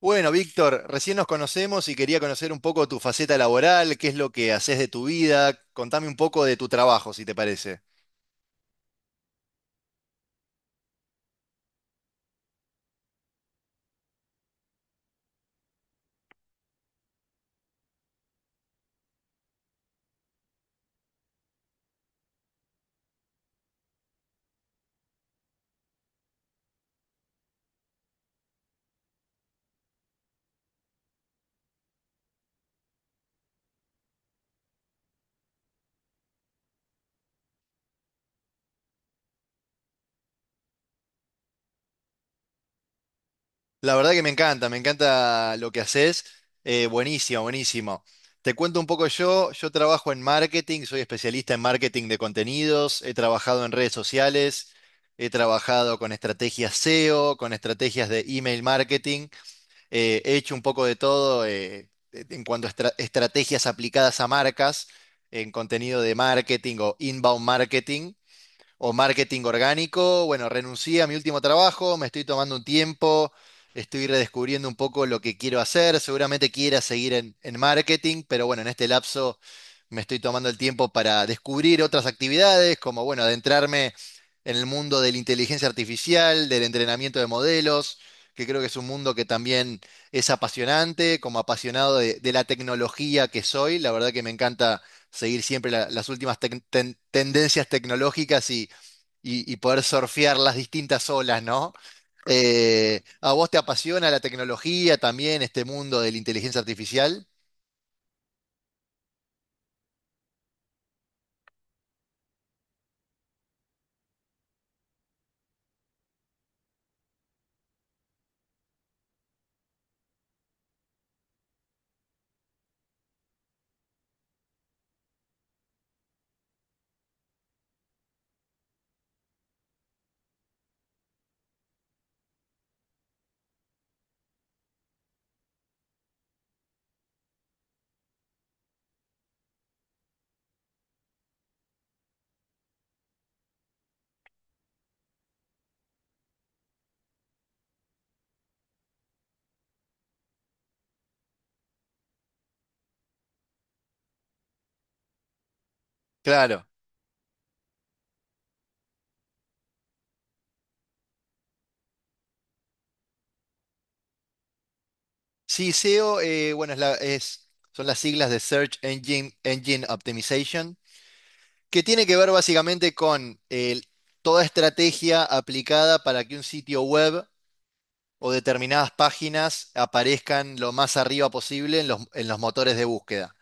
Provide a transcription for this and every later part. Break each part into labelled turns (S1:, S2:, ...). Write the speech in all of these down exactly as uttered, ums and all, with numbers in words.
S1: Bueno, Víctor, recién nos conocemos y quería conocer un poco tu faceta laboral, qué es lo que haces de tu vida, contame un poco de tu trabajo, si te parece. La verdad que me encanta, me encanta lo que haces, eh, buenísimo, buenísimo. Te cuento un poco yo, yo trabajo en marketing, soy especialista en marketing de contenidos, he trabajado en redes sociales, he trabajado con estrategias S E O, con estrategias de email marketing. Eh, he hecho un poco de todo eh, en cuanto a estra- estrategias aplicadas a marcas, en contenido de marketing o inbound marketing o marketing orgánico. Bueno, renuncié a mi último trabajo, me estoy tomando un tiempo, estoy redescubriendo un poco lo que quiero hacer. Seguramente quiera seguir en, en marketing, pero bueno, en este lapso me estoy tomando el tiempo para descubrir otras actividades, como bueno, adentrarme en el mundo de la inteligencia artificial, del entrenamiento de modelos, que creo que es un mundo que también es apasionante, como apasionado de, de la tecnología que soy, la verdad que me encanta seguir siempre la- las últimas tec- ten- tendencias tecnológicas y, y, y poder surfear las distintas olas, ¿no? Eh, ¿a vos te apasiona la tecnología también, este mundo de la inteligencia artificial? Claro. Sí, S E O, eh, bueno, es la- es- son las siglas de Search Engine, Engine, Optimization, que tiene que ver básicamente con eh, toda estrategia aplicada para que un sitio web o determinadas páginas aparezcan lo más arriba posible en los, en los motores de búsqueda.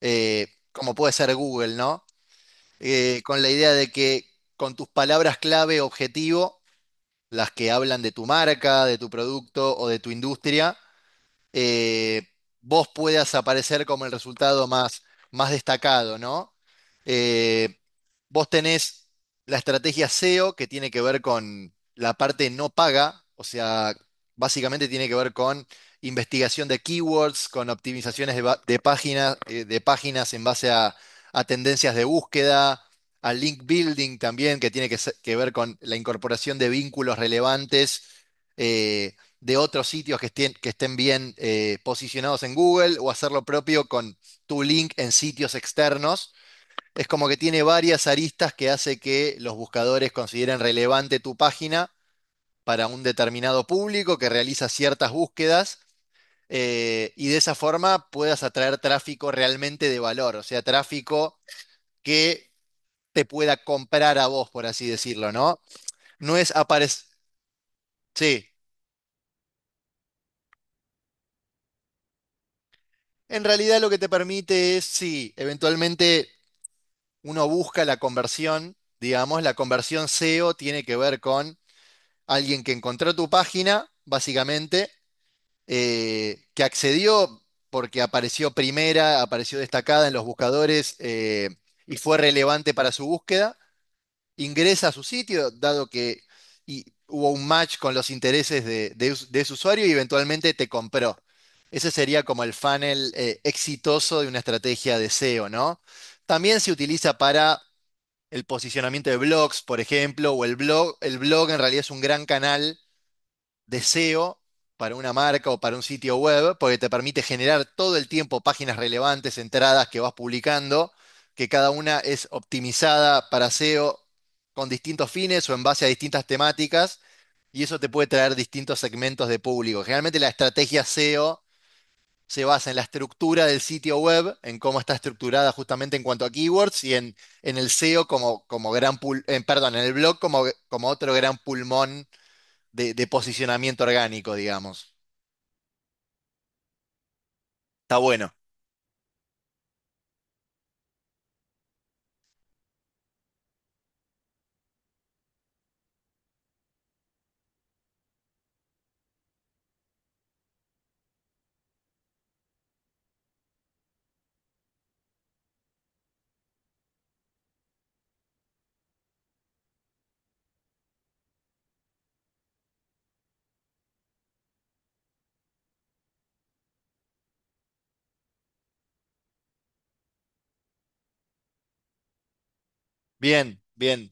S1: Eh, como puede ser Google, ¿no? eh, con la idea de que con tus palabras clave objetivo, las que hablan de tu marca, de tu producto o de tu industria, eh, vos puedas aparecer como el resultado más, más destacado, ¿no? Eh, Vos tenés la estrategia S E O que tiene que ver con la parte no paga, o sea, básicamente tiene que ver con investigación de keywords, con optimizaciones de, ba- de páginas, eh, de páginas en base a, a tendencias de búsqueda, a link building también, que tiene que, se- que ver con la incorporación de vínculos relevantes. eh, de otros sitios que estén, que estén bien eh, posicionados en Google o hacer lo propio con tu link en sitios externos. Es como que tiene varias aristas que hace que los buscadores consideren relevante tu página para un determinado público que realiza ciertas búsquedas eh, y de esa forma puedas atraer tráfico realmente de valor, o sea, tráfico que te pueda comprar a vos, por así decirlo, ¿no? No es aparecer. Sí, en realidad lo que te permite es, sí, eventualmente uno busca la conversión, digamos, la conversión S E O tiene que ver con alguien que encontró tu página, básicamente, eh, que accedió porque apareció primera, apareció destacada en los buscadores eh, y fue relevante para su búsqueda, ingresa a su sitio, dado que y hubo un match con los intereses de, de de ese usuario y eventualmente te compró. Ese sería como el funnel eh, exitoso de una estrategia de S E O, ¿no? También se utiliza para el posicionamiento de blogs, por ejemplo, o el blog. El blog en realidad es un gran canal de S E O para una marca o para un sitio web, porque te permite generar todo el tiempo páginas relevantes, entradas que vas publicando, que cada una es optimizada para S E O con distintos fines o en base a distintas temáticas, y eso te puede traer distintos segmentos de público. Generalmente la estrategia S E O se basa en la estructura del sitio web, en cómo está estructurada justamente en cuanto a keywords y en, en el S E O como, como gran pul- eh, perdón, en el blog como, como otro gran pulmón de, de posicionamiento orgánico, digamos. Está bueno. Bien, bien.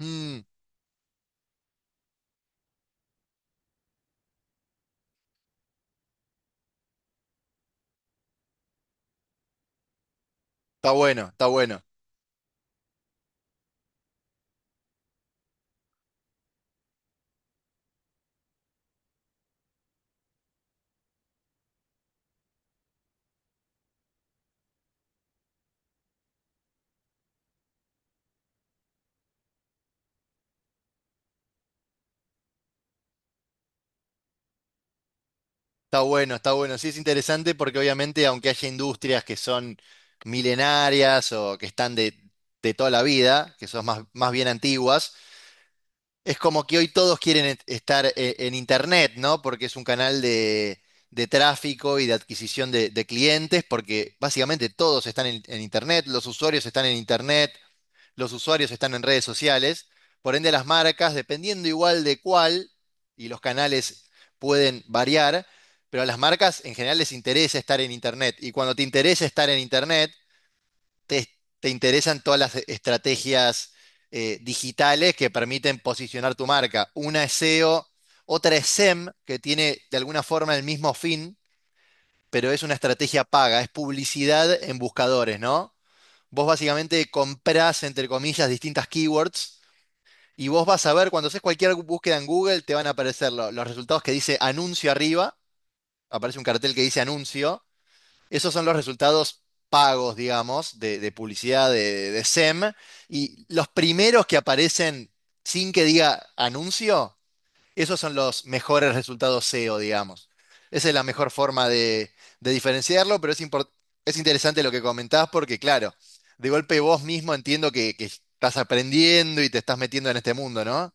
S1: Mm, Está bueno, está bueno. Está bueno, está bueno. Sí es interesante porque obviamente aunque haya industrias que son milenarias o que están de, de toda la vida, que son más, más bien antiguas. Es como que hoy todos quieren et- estar eh, en Internet, ¿no? Porque es un canal de, de tráfico y de adquisición de, de clientes, porque básicamente todos están en, en Internet, los usuarios están en Internet, los usuarios están en redes sociales, por ende las marcas, dependiendo igual de cuál, y los canales pueden variar, pero a las marcas en general les interesa estar en Internet, y cuando te interesa estar en Internet, te, te interesan todas las estrategias eh, digitales que permiten posicionar tu marca. Una es S E O, otra es S E M, que tiene de alguna forma el mismo fin, pero es una estrategia paga, es publicidad en buscadores, ¿no? Vos básicamente comprás, entre comillas, distintas keywords y vos vas a ver, cuando haces cualquier búsqueda en Google, te van a aparecer lo- los resultados que dice anuncio arriba, aparece un cartel que dice anuncio, esos son los resultados pagos, digamos, de, de publicidad de, de S E M. Y los primeros que aparecen sin que diga anuncio, esos son los mejores resultados S E O, digamos. Esa es la mejor forma de, de diferenciarlo, pero es, impor- es interesante lo que comentás porque, claro, de golpe vos mismo entiendo que, que estás aprendiendo y te estás metiendo en este mundo, ¿no?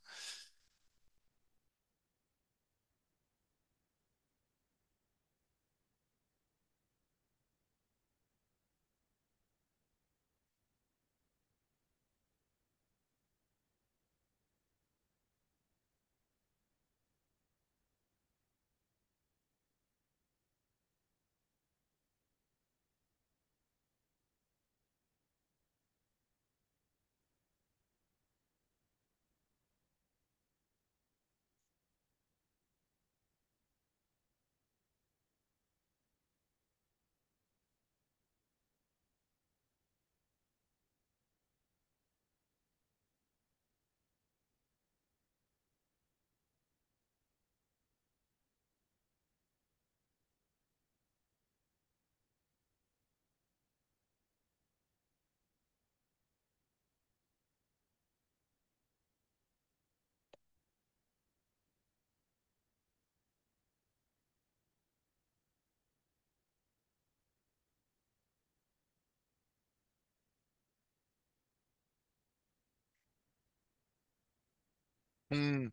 S1: Mm.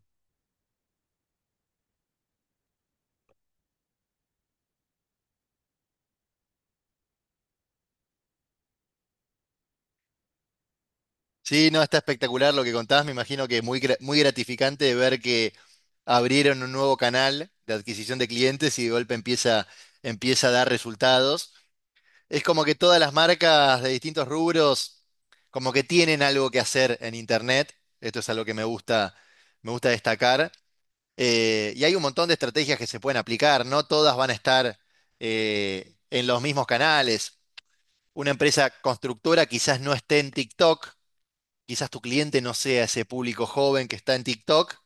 S1: Sí, no, está espectacular lo que contabas. Me imagino que es muy, gra- muy gratificante de ver que abrieron un nuevo canal de adquisición de clientes y de golpe empieza, empieza a dar resultados. Es como que todas las marcas de distintos rubros como que tienen algo que hacer en Internet. Esto es algo que me gusta, me gusta destacar. Eh, y hay un montón de estrategias que se pueden aplicar. No todas van a estar eh, en los mismos canales. Una empresa constructora quizás no esté en TikTok. Quizás tu cliente no sea ese público joven que está en TikTok,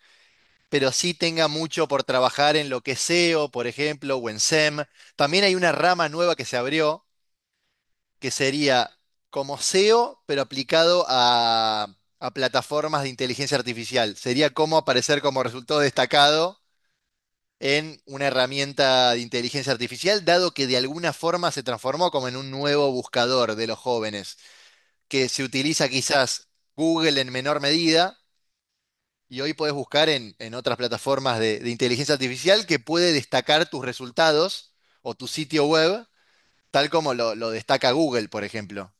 S1: pero sí tenga mucho por trabajar en lo que es S E O, por ejemplo, o en S E M. También hay una rama nueva que se abrió, que sería como S E O, pero aplicado a, a plataformas de inteligencia artificial. Sería como aparecer como resultado destacado en una herramienta de inteligencia artificial, dado que de alguna forma se transformó como en un nuevo buscador de los jóvenes, que se utiliza quizás Google en menor medida. Y hoy puedes buscar en, en otras plataformas de, de inteligencia artificial que puede destacar tus resultados o tu sitio web, tal como lo, lo destaca Google, por ejemplo.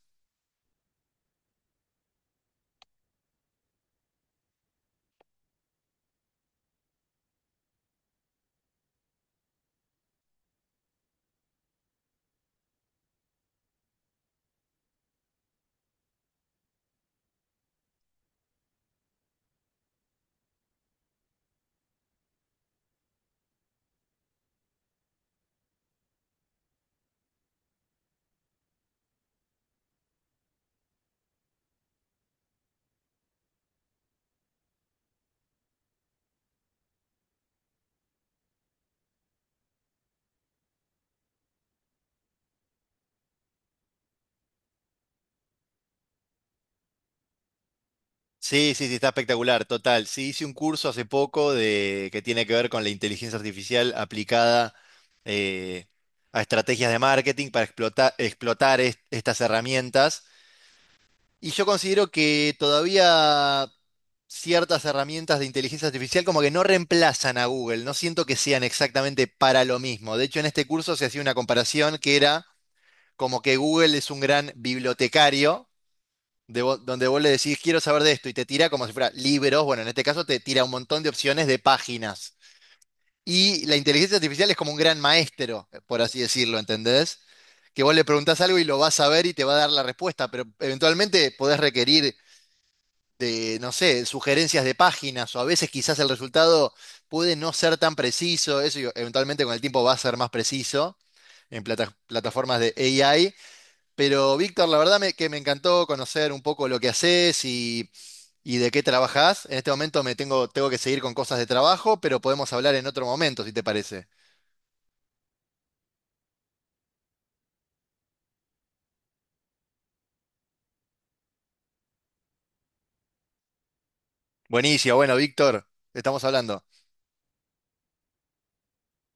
S1: Sí, sí, sí, está espectacular, total. Sí, hice un curso hace poco de, que tiene que ver con la inteligencia artificial aplicada eh, a estrategias de marketing para explota- explotar est- estas herramientas. Y yo considero que todavía ciertas herramientas de inteligencia artificial como que no reemplazan a Google, no siento que sean exactamente para lo mismo. De hecho, en este curso se hacía una comparación que era como que Google es un gran bibliotecario, de vo- donde vos le decís, quiero saber de esto, y te tira como si fuera libros, bueno, en este caso te tira un montón de opciones de páginas. Y la inteligencia artificial es como un gran maestro, por así decirlo, ¿entendés? Que vos le preguntás algo y lo vas a ver y te va a dar la respuesta, pero eventualmente podés requerir de, no sé, sugerencias de páginas o a veces quizás el resultado puede no ser tan preciso, eso yo- eventualmente con el tiempo va a ser más preciso en plata- plataformas de A I, pero Víctor, la verdad me- que me encantó conocer un poco lo que haces y, y de qué trabajás. En este momento me tengo, tengo que seguir con cosas de trabajo, pero podemos hablar en otro momento, si te parece. Buenísimo, bueno, Víctor, estamos hablando.